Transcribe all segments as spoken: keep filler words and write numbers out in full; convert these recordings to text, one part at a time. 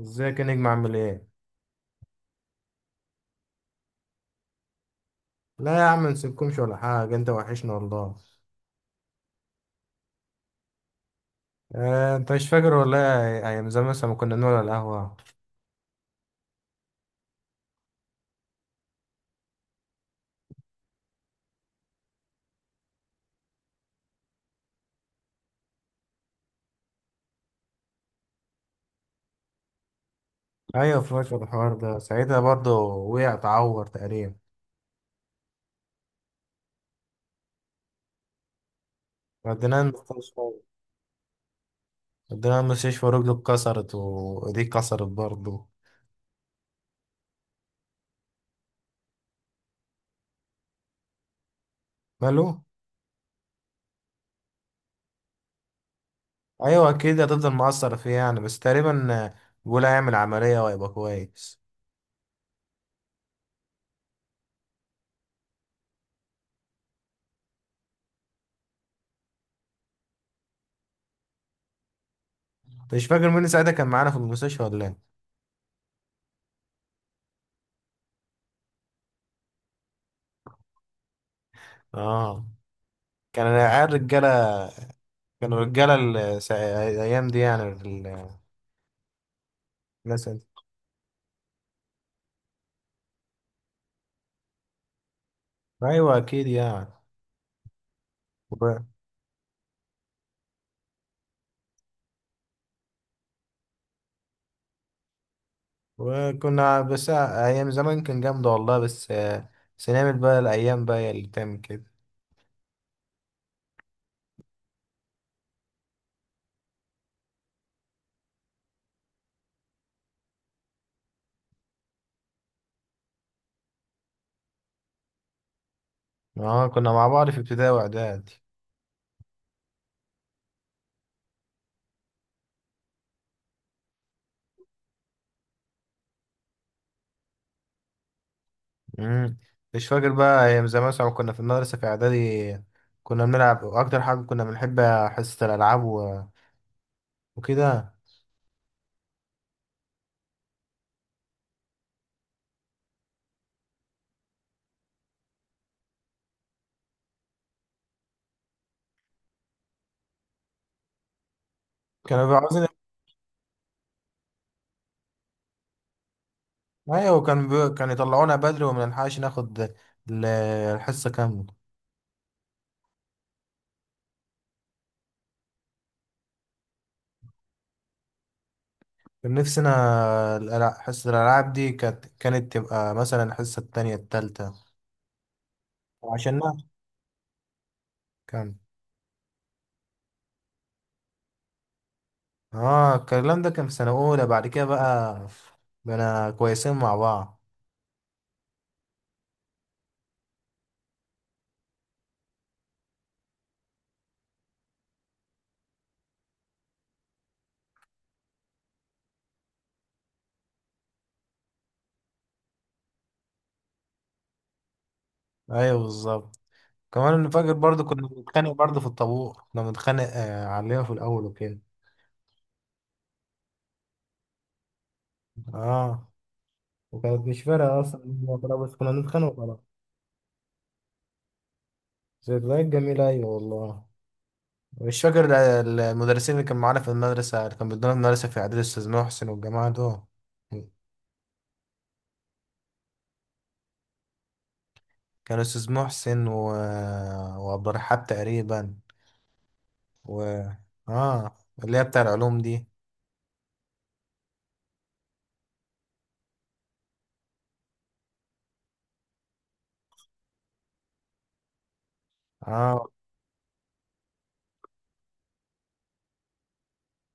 ازيك يا نجم عامل ايه؟ لا يا عم منسيبكمش ولا حاجة، انت وحشنا والله. آه انت مش فاكر ولا ايه، ايام زمان مثلا ما كنا نقعد على القهوة؟ ايوه فاكر الحوار ده، ساعتها برضه وقع اتعور تقريبا. وديناه المستشفى وديناه المستشفى ورجله اتكسرت وايديه اتكسرت برضه. ماله؟ ايوه اكيد هتفضل مقصر فيه يعني، بس تقريبا آه، بيقول هيعمل عملية وهيبقى كويس. انت مش فاكر مين ساعتها كان معانا في المستشفى ولا ايه؟ اه. كان العيال رجالة، كانوا رجالة ال- سا- الأيام دي يعني ال- الناس دي. أيوة أكيد يعني. و- وكنا، بس أيام زمان كان جامدة والله، بس آه، بس نعمل بقى، الأيام بقى هي اللي تعمل كده. اه، كنا مع بعض في ابتدائي وإعدادي. مم. مش فاكر بقى أيام زمان مثلا كنا في المدرسة في إعدادي، كنا بنلعب، وأكتر حاجة كنا بنحب حصة الألعاب و- وكده. كانوا بيبقوا عاوزين، أيوة. وكان بي... كانوا يطلعونا بدري ومنلحقش ناخد ال- الحصة كاملة. كان نفسي انا الألع- حصة الالعاب دي كانت كانت تبقى مثلا الحصة التانية التالتة، وعشان نعرف كان. اه، الكلام ده كان في سنة اولى، بعد كده بقى بقينا كويسين مع بعض. ايوه بالظبط. كمان انا فاكر برضو كنا بنتخانق برضو في الطابور، كنا بنتخانق آه، عليها في الاول وكده. اه، وكانت مش فارقة اصلا، وخلاص، بس كنا بنتخانق وخلاص. ذكريات جميلة، ايوه والله. مش فاكر ال- المدرسين اللي كان معانا في المدرسة، اللي كان بيدونا المدرسة في إعدادي، الأستاذ محسن والجماعة دول؟ كان استاذ محسن، و... وعبد الرحاب تقريبا، و اه، اللي هي بتاع العلوم دي. اه.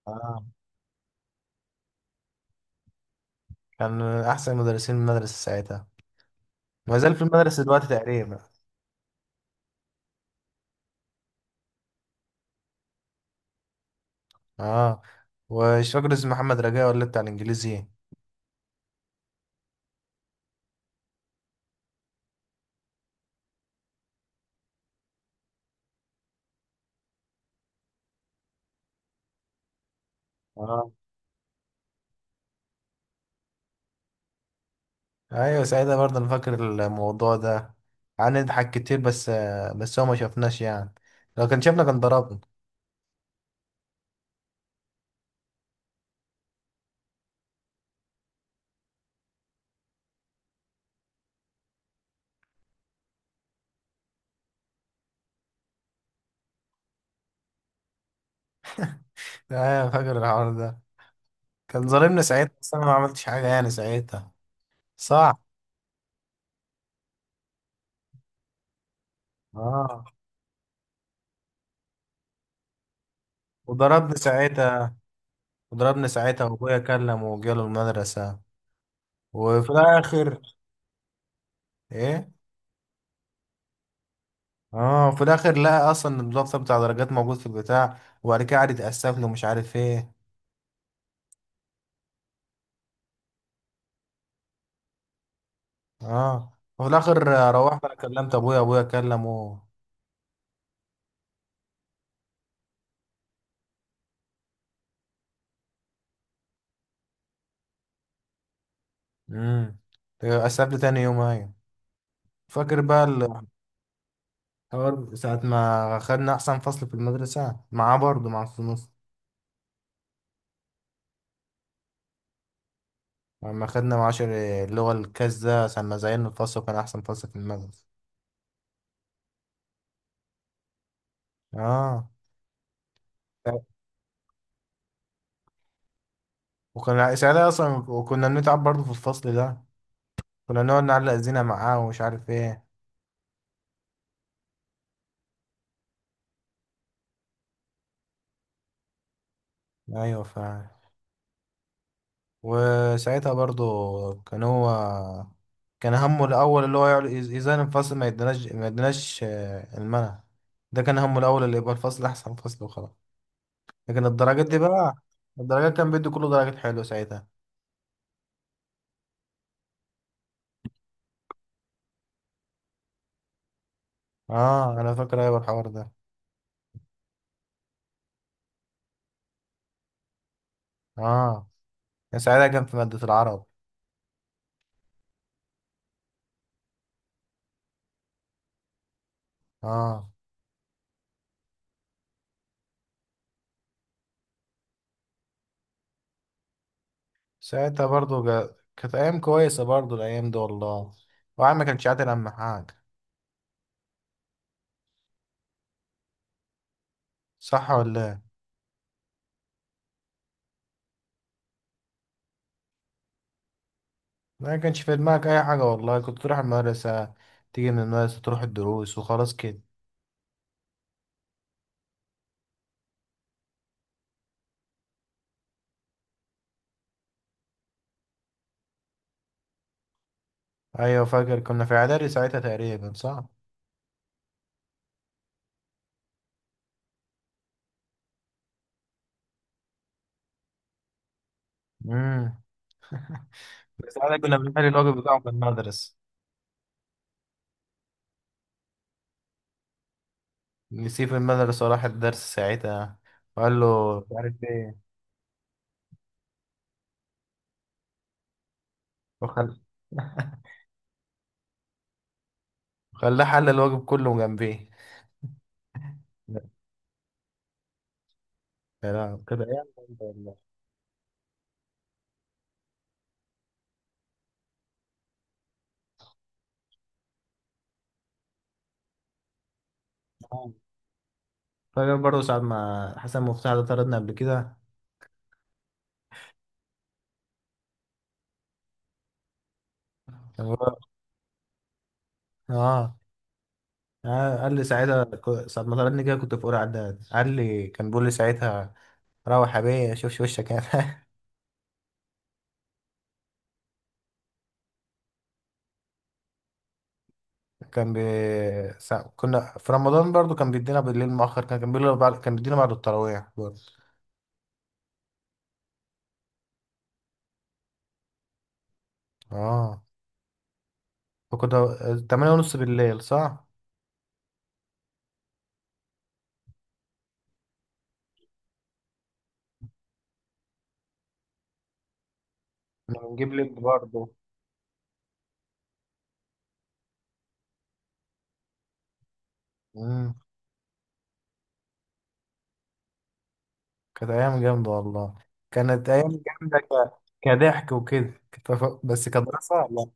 اه، كان من احسن مدرسين المدرسه ساعتها، ما زال في المدرسه دلوقتي تقريبا. اه. ومش فاكر اسمه محمد رجاء ولا بتاع الانجليزي؟ اه. ايوه ساعتها برضه انا فاكر الموضوع ده، قعدنا نضحك كتير بس. بس هو ما شافناش يعني، لو كان شافنا كان ضربنا. ايوه فاكر الحوار ده، كان ظالمنا ساعتها، بس انا ما عملتش حاجه يعني ساعتها. صح. اه. وضربني ساعتها وضربني ساعتها وابويا كلم وجاله المدرسة. وفي الاخر. ايه. اه، في الاخر لقى اصلا الدفتر بتاع درجات موجود في البتاع، وبعد كده قعد يتأسف له مش عارف ايه. اه. وفي الاخر روحت انا كلمت ابويا، ابويا كلمه. امم. اتأسف لي تاني يوم، ايوه. فاكر بقى الحوار ساعة ما خدنا أحسن فصل في المدرسة معاه برضه مع الفصول، لما خدنا معاشر اللغة الكاس ده عشان ما زينا الفصل، وكان أحسن فصل في المدرسة. اه. وكنا ساعتها اصلا وكنا بنتعب برضه في الفصل ده، كنا نقعد نعلق زينة معاه ومش عارف ايه. ايوه. ف وساعتها برضه كان هو، كان همه الاول اللي هو يقعد- إز- ازاي الفصل ما يديناش ما يديناش آه، المنع. ده كان همه الاول اللي يبقى الفصل احسن فصل وخلاص، لكن الدرجات دي بقى، الدرجات كان بيدي كله درجات حلوه ساعتها. اه. انا فاكر ايوه الحوار ده اه كان ساعتها كان في مادة العرب. اه. ساعتها برضو جا... كانت أيام كويسة برضو الأيام دي والله، وعم ما كانش عاتل أهم حاجة، صح ولا إيه؟ ما كانش في دماغك أي حاجة والله، كنت تروح المدرسة، تيجي من المدرسة تروح الدروس وخلاص كده. أيوة فاكر كنا في إعدادي ساعتها تقريبا صح؟ امم. ساعتها كنا بنحل الواجب بتاعه في المدرسة، نسيه في المدرسة وراح الدرس ساعتها، وقال له مش عارف إيه. وخل- خلاه حل الواجب كله جنبيه. لا. لا، كانت أيام جامدة والله. فاكر برضه ساعة ما حسن مفتاح ده طردنا قبل كده؟ كان هو- اه. آه، قال لي ساعتها ك- ساعة ما طردني كده، كنت في أولى إعداد، قال لي كان بيقول لي ساعتها: روح يا بيه شوفش وشك يعني. كان بي... سا... كنا في رمضان برضه، كان بيدينا بالليل مؤخر، كان كان بيقول بعد... كان بيدينا بعد التراويح برضه. اه. فكنا تمانية ونص بالليل، صح؟ كنا بنجيب لب برضه. مم. كانت أيام جامدة والله، كانت أيام جامدة ك... كضحك وكده كت- بس كدراسة لا.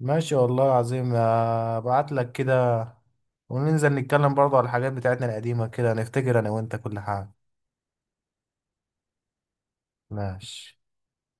ماشي والله العظيم، ابعت لك كده وننزل نتكلم برضه على الحاجات بتاعتنا القديمة كده، نفتكر انا وانت كل حاجة. ماشي.